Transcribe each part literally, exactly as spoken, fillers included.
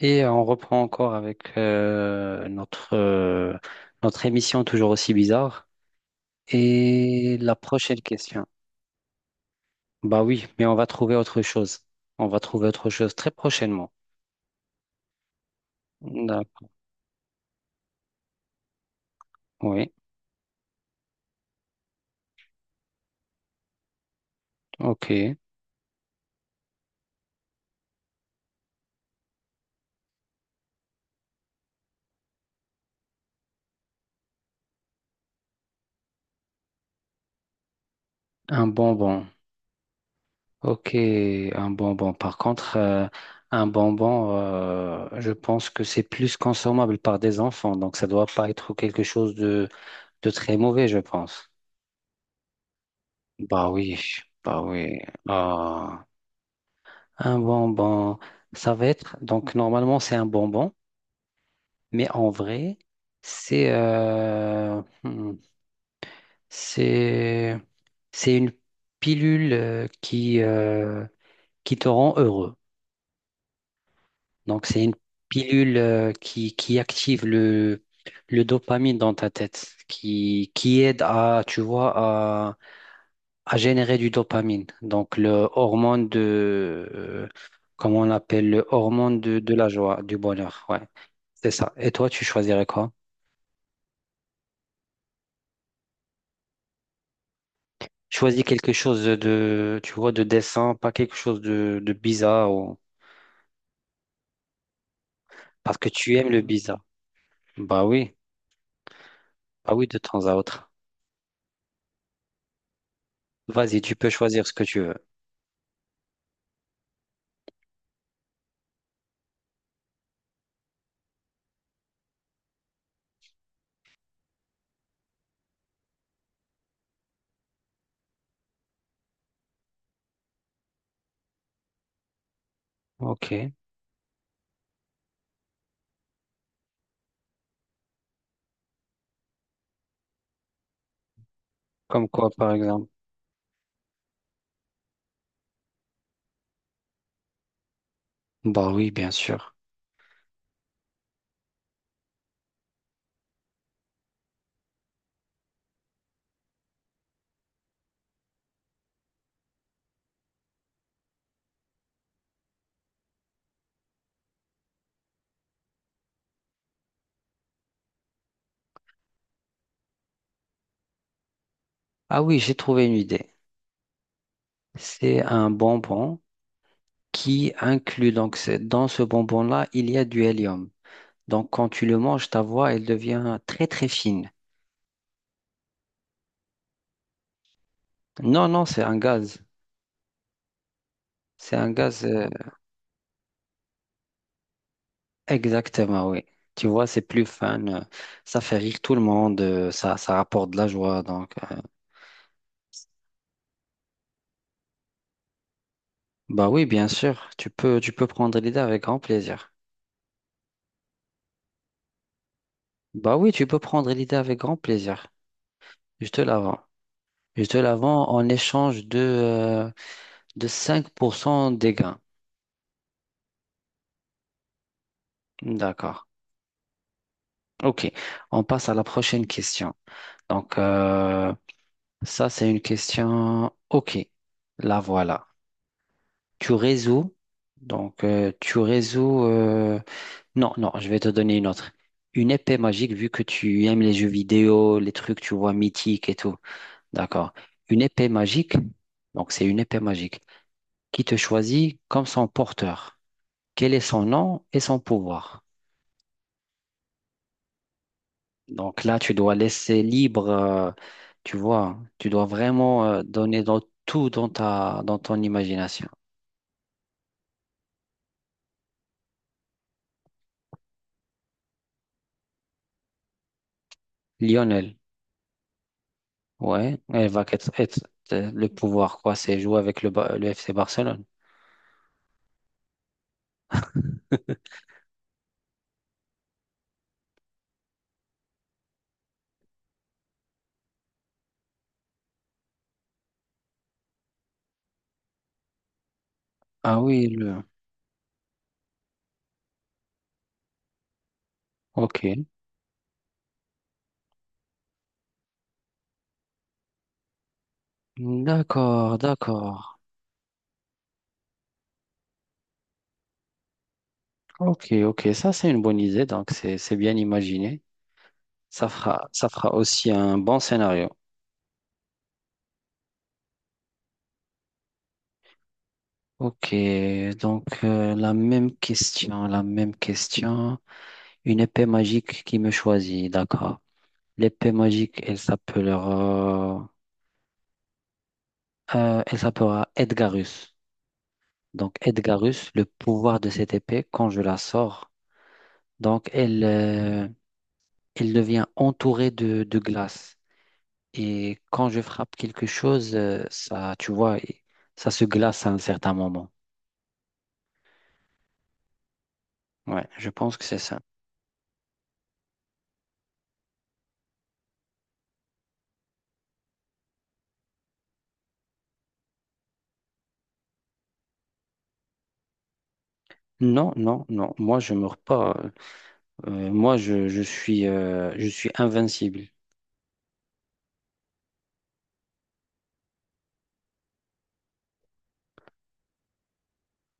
Et on reprend encore avec euh, notre, euh, notre émission toujours aussi bizarre. Et la prochaine question. Bah oui, mais on va trouver autre chose. On va trouver autre chose très prochainement. D'accord. Oui. OK. Un bonbon. OK. Un bonbon. Par contre, euh, un bonbon, euh, je pense que c'est plus consommable par des enfants. Donc, ça doit pas être quelque chose de, de très mauvais, je pense. Bah oui. Bah oui. Ah. Un bonbon, ça va être, donc normalement c'est un bonbon, mais en vrai, c'est euh, hmm, c'est c'est une pilule euh, qui euh, qui te rend heureux. Donc c'est une pilule euh, qui qui active le le dopamine dans ta tête, qui qui aide à, tu vois, à générer du dopamine, donc le hormone de, euh, comment on l'appelle, le hormone de, de la joie, du bonheur, ouais, c'est ça. Et toi, tu choisirais quoi? Choisis quelque chose de, tu vois, de décent, pas quelque chose de, de bizarre, ou... parce que tu aimes le bizarre. Bah oui, bah oui, de temps à autre. Vas-y, tu peux choisir ce que tu veux. Ok, comme quoi, par exemple? Bah oui, bien sûr. Ah oui, j'ai trouvé une idée. C'est un bonbon qui inclut, donc c'est- dans ce bonbon-là, il y a du hélium. Donc quand tu le manges, ta voix, elle devient très très fine. Non, non, c'est un gaz. C'est un gaz, euh, exactement, oui. Tu vois, c'est plus fun. euh, Ça fait rire tout le monde. euh, Ça, ça rapporte de la joie. Donc, euh, bah oui, bien sûr. Tu peux, tu peux prendre l'idée avec grand plaisir. Bah oui, tu peux prendre l'idée avec grand plaisir. Je te la vends. Je te la vends en échange de, euh, de cinq pour cent des gains. D'accord. Ok, on passe à la prochaine question. Donc, euh, ça, c'est une question. Ok, la voilà. Tu résous. Donc, euh, tu résous. euh, Non, non, je vais te donner une autre. Une épée magique, vu que tu aimes les jeux vidéo, les trucs, tu vois, mythiques et tout. D'accord. Une épée magique. Donc, c'est une épée magique qui te choisit comme son porteur. Quel est son nom et son pouvoir? Donc là, tu dois laisser libre, euh, tu vois, tu dois vraiment euh, donner dans tout dans ta, dans ton imagination. Lionel, ouais, elle va être, être- euh, le pouvoir, quoi, c'est jouer avec le, Ba- le F C Barcelone. Ah oui, le... Ok. D'accord, d'accord. Ok, ok, ça c'est une bonne idée, donc c'est c'est bien imaginé. Ça fera, ça fera aussi un bon scénario. Ok, donc euh, la même question, la même question. Une épée magique qui me choisit, d'accord. L'épée magique, elle s'appellera, euh, euh, elle s'appellera Edgarus. Donc Edgarus, le pouvoir de cette épée, quand je la sors, donc elle, euh, elle devient entourée de, de glace. Et quand je frappe quelque chose, euh, ça, tu vois, et- ça se glace à un certain moment. Ouais, je pense que c'est ça. Non, non, non. Moi, je meurs pas. Euh, moi, je, je suis, euh, je suis invincible.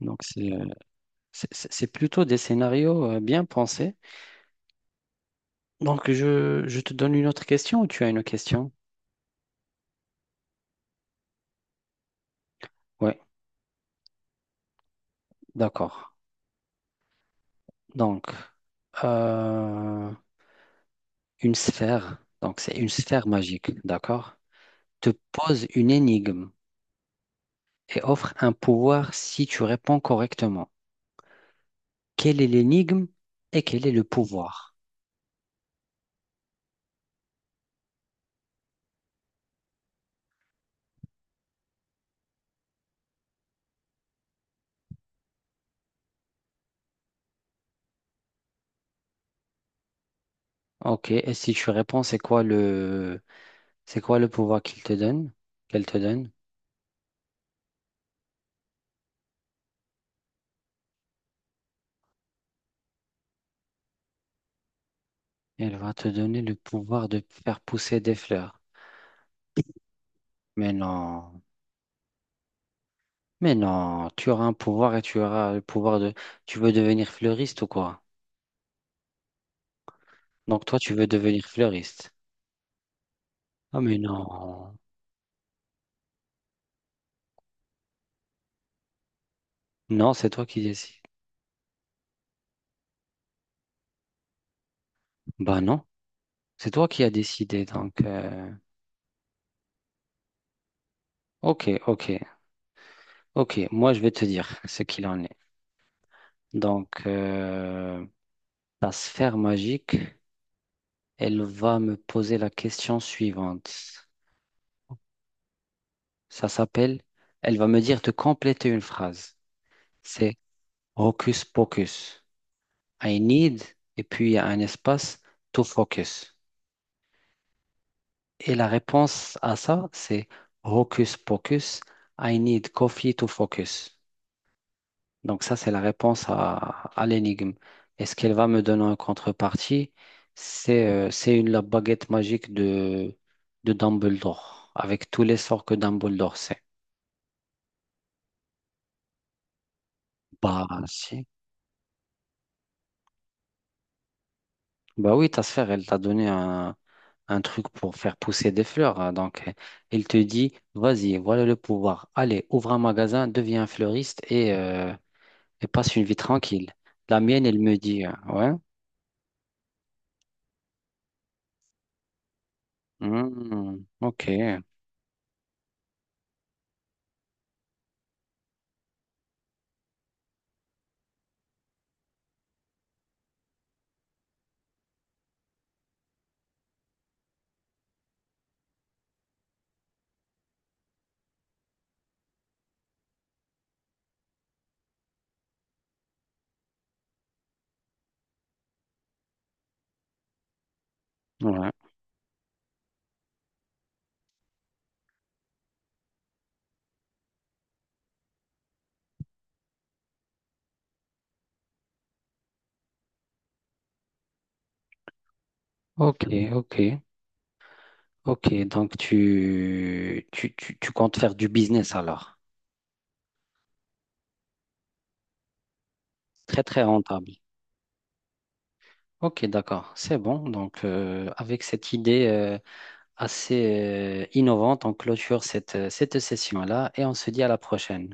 Donc c'est C'est c'est- c'est plutôt des scénarios euh, bien pensés. Donc, je, je te donne une autre question ou tu as une question? Oui, d'accord. Donc, euh, une sphère, donc c'est une sphère magique, d'accord? Te pose une énigme et offre un pouvoir si tu réponds correctement. Quelle est l'énigme et quel est le pouvoir? Ok, et si tu réponds, c'est quoi le, c'est quoi le pouvoir qu'il te donne? Qu'elle te donne? Elle va te donner le pouvoir de faire pousser des fleurs. Mais non, mais non, tu auras un pouvoir et tu auras le pouvoir de... Tu veux devenir fleuriste ou quoi? Donc toi, tu veux devenir fleuriste. Ah mais non, non, c'est toi qui décides. Bah non, c'est toi qui as décidé. Donc, euh, ok, ok, ok, moi je vais te dire ce qu'il en est. Donc, euh, ta sphère magique, elle va me poser la question suivante. Ça s'appelle, elle va me dire de compléter une phrase. C'est hocus pocus. I need, et puis il y a un espace, to focus. Et la réponse à ça, c'est hocus pocus, I need coffee to focus. Donc ça, c'est la réponse à, à l'énigme. Et ce qu'elle va me donner en contrepartie, c'est euh, c'est une la baguette magique de, de Dumbledore, avec tous les sorts que Dumbledore sait. Bah, si. Bah oui, ta sphère, elle t'a donné un, un truc pour faire pousser des fleurs. Hein. Donc, euh, elle te dit, vas-y, voilà le pouvoir. Allez, ouvre un magasin, deviens un fleuriste et, euh, et passe une vie tranquille. La mienne, elle me dit, euh, ouais, hmm, ok, ouais, ok, ok, ok. Donc, tu, tu, tu, tu comptes faire du business alors. Très, très rentable. Ok, d'accord, c'est bon. Donc, euh, avec cette idée... euh, assez euh, innovante. On clôture cette, euh, cette session-là et on se dit à la prochaine.